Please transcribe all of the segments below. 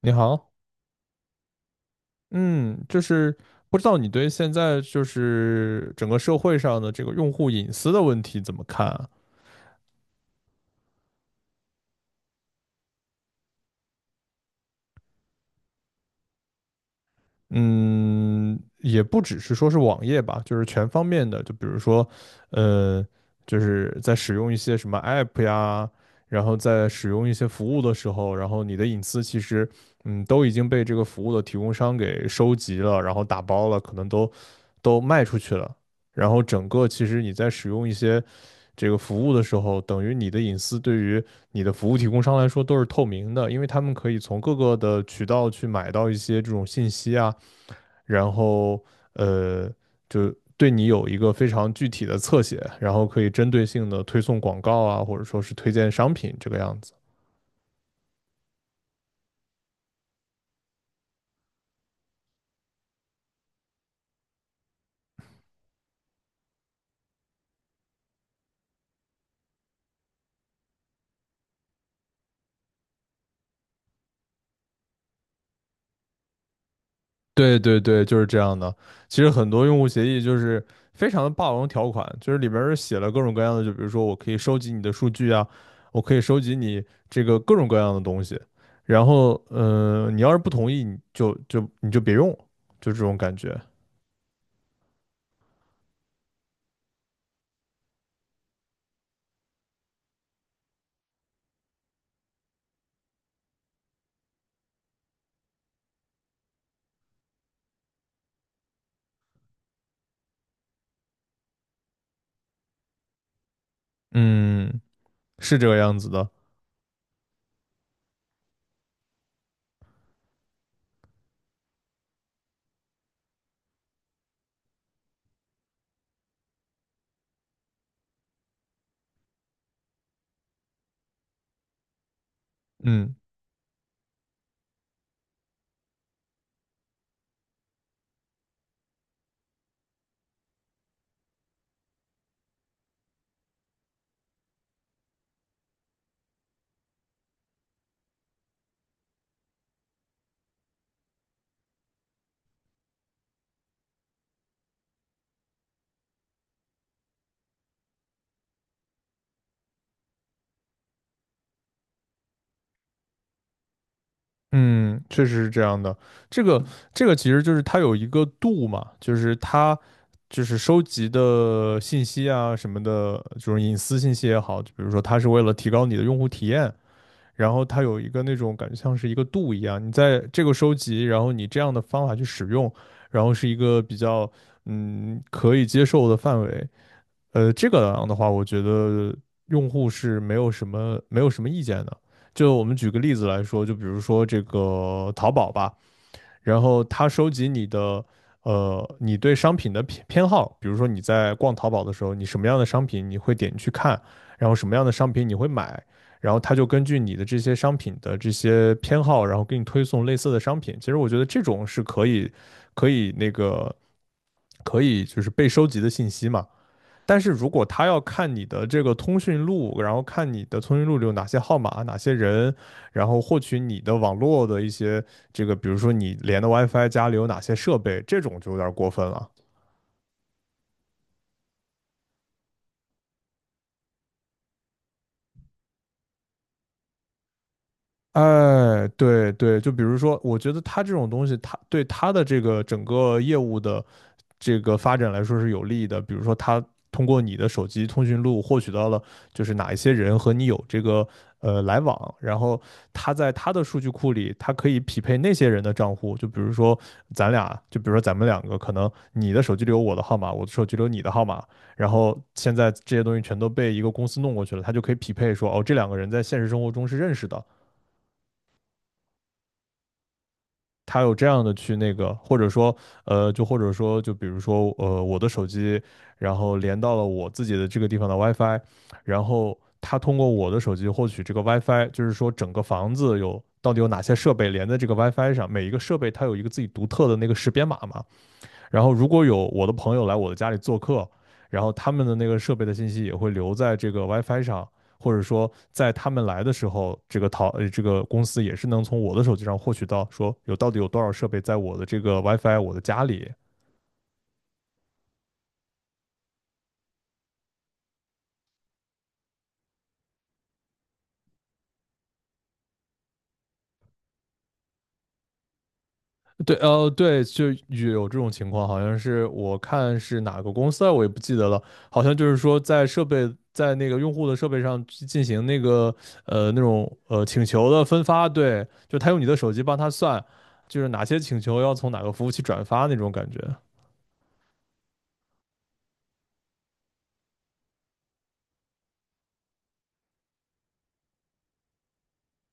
你好。嗯，就是不知道你对现在就是整个社会上的这个用户隐私的问题怎么看啊？嗯，也不只是说是网页吧，就是全方面的，就比如说，呃，就是在使用一些什么 app 呀，然后在使用一些服务的时候，然后你的隐私其实，都已经被这个服务的提供商给收集了，然后打包了，可能都卖出去了，然后整个其实你在使用一些这个服务的时候，等于你的隐私对于你的服务提供商来说都是透明的，因为他们可以从各个的渠道去买到一些这种信息啊。然后呃，就对你有一个非常具体的侧写，然后可以针对性的推送广告啊，或者说是推荐商品这个样子。对对对，就是这样的。其实很多用户协议就是非常的霸王条款，就是里边儿写了各种各样的，就比如说我可以收集你的数据啊，我可以收集你这个各种各样的东西。然后，你要是不同意，你就别用，就这种感觉。嗯，是这个样子的。嗯。嗯，确实是这样的。这个这个其实就是它有一个度嘛，就是它就是收集的信息啊什么的，就是隐私信息也好，就比如说它是为了提高你的用户体验，然后它有一个那种感觉像是一个度一样，你在这个收集，然后你这样的方法去使用，然后是一个比较嗯可以接受的范围。这个样的话，我觉得用户是没有什么意见的。就我们举个例子来说，就比如说这个淘宝吧，然后它收集你的你对商品的偏好，比如说你在逛淘宝的时候，你什么样的商品你会点去看，然后什么样的商品你会买，然后它就根据你的这些商品的这些偏好，然后给你推送类似的商品。其实我觉得这种是可以那个可以就是被收集的信息嘛。但是如果他要看你的这个通讯录，然后看你的通讯录里有哪些号码、哪些人，然后获取你的网络的一些这个，比如说你连的 WiFi 家里有哪些设备，这种就有点过分了。哎，对对，就比如说，我觉得他这种东西，他对他的这个整个业务的这个发展来说是有利的。比如说，他通过你的手机通讯录获取到了，就是哪一些人和你有这个来往，然后他在他的数据库里，他可以匹配那些人的账户。就比如说咱们两个，可能你的手机里有我的号码，我的手机里有你的号码，然后现在这些东西全都被一个公司弄过去了，他就可以匹配说，哦，这两个人在现实生活中是认识的，它有这样的去那个，或者说，或者说，就比如说，我的手机，然后连到了我自己的这个地方的 WiFi,然后它通过我的手机获取这个 WiFi,就是说整个房子有到底有哪些设备连在这个 WiFi 上，每一个设备它有一个自己独特的那个识别码嘛，然后如果有我的朋友来我的家里做客，然后他们的那个设备的信息也会留在这个 WiFi 上，或者说在他们来的时候，这个淘呃这个公司也是能从我的手机上获取到说有到底有多少设备在我的这个 WiFi 我的家里。对，对，就有这种情况，好像是我看是哪个公司啊，我也不记得了，好像就是说在设备在那个用户的设备上去进行那个呃那种呃请求的分发，对，就他用你的手机帮他算，就是哪些请求要从哪个服务器转发那种感觉。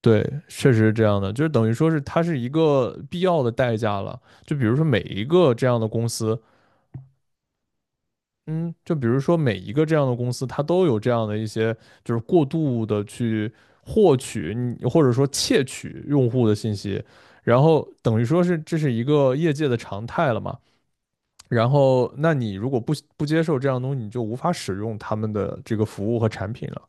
对，确实是这样的，就是等于说是它是一个必要的代价了。就比如说每一个这样的公司，嗯，就比如说每一个这样的公司，它都有这样的一些，就是过度的去获取你或者说窃取用户的信息，然后等于说是这是一个业界的常态了嘛。然后，那你如果不接受这样的东西，你就无法使用他们的这个服务和产品了。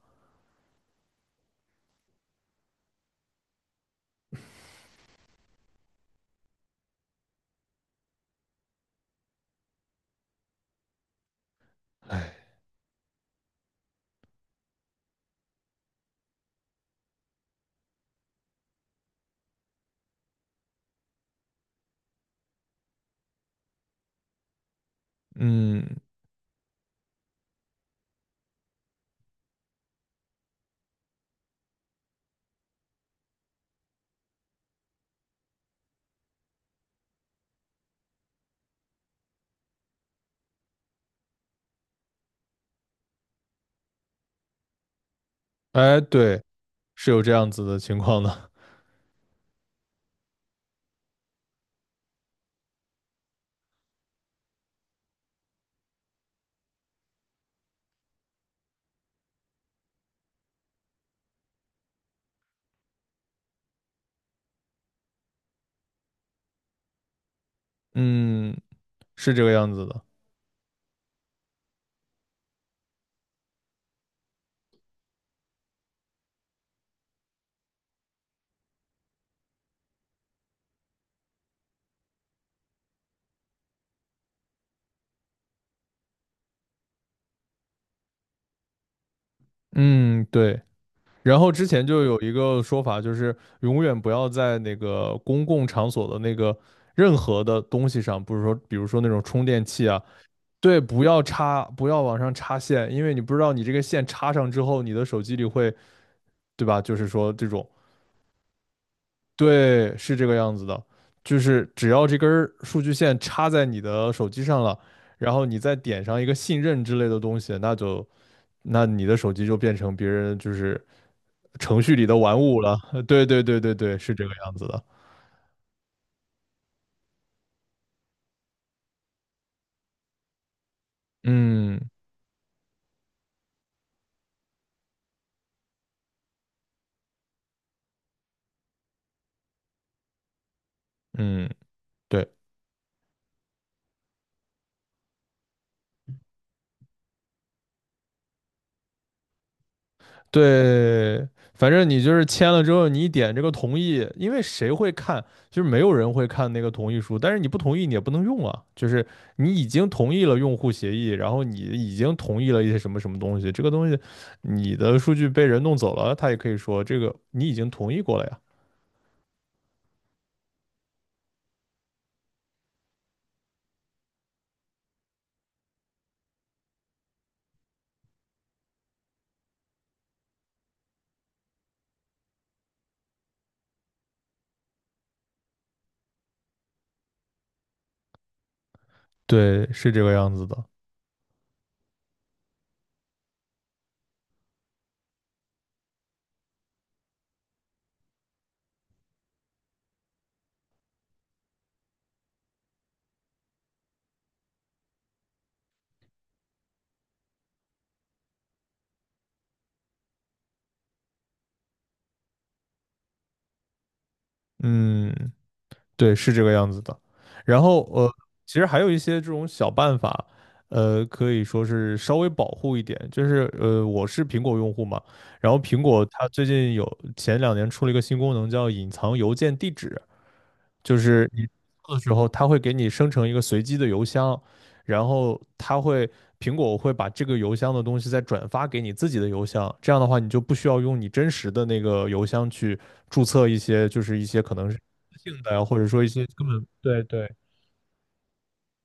嗯，哎，对，是有这样子的情况的。嗯，是这个样子的。嗯，对。然后之前就有一个说法，就是永远不要在那个公共场所的那个任何的东西上，不是说，比如说那种充电器啊，对，不要插，不要往上插线，因为你不知道你这个线插上之后，你的手机里会，对吧？就是说这种，对，是这个样子的，就是只要这根儿数据线插在你的手机上了，然后你再点上一个信任之类的东西，那就那你的手机就变成别人就是程序里的玩物了。对对对对对，是这个样子的。嗯嗯，对。对，反正你就是签了之后，你一点这个同意，因为谁会看？就是没有人会看那个同意书，但是你不同意你也不能用啊。就是你已经同意了用户协议，然后你已经同意了一些什么什么东西，这个东西你的数据被人弄走了，他也可以说这个你已经同意过了呀。对，是这个样子的。嗯，对，是这个样子的。然后其实还有一些这种小办法，可以说是稍微保护一点。就是我是苹果用户嘛，然后苹果它最近有前两年出了一个新功能，叫隐藏邮件地址。就是你做的时候，它会给你生成一个随机的邮箱，然后苹果会把这个邮箱的东西再转发给你自己的邮箱，这样的话你就不需要用你真实的那个邮箱去注册一些，就是一些可能是性的呀，或者说一些根本对对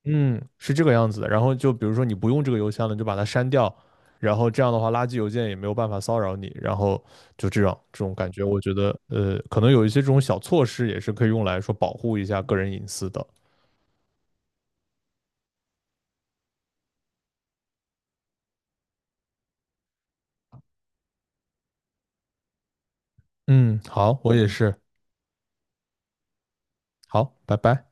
嗯，是这个样子的。然后就比如说你不用这个邮箱了，你就把它删掉，然后这样的话，垃圾邮件也没有办法骚扰你。然后就这样，这种感觉，我觉得可能有一些这种小措施也是可以用来说保护一下个人隐私的。嗯，好，我也是。好，拜拜。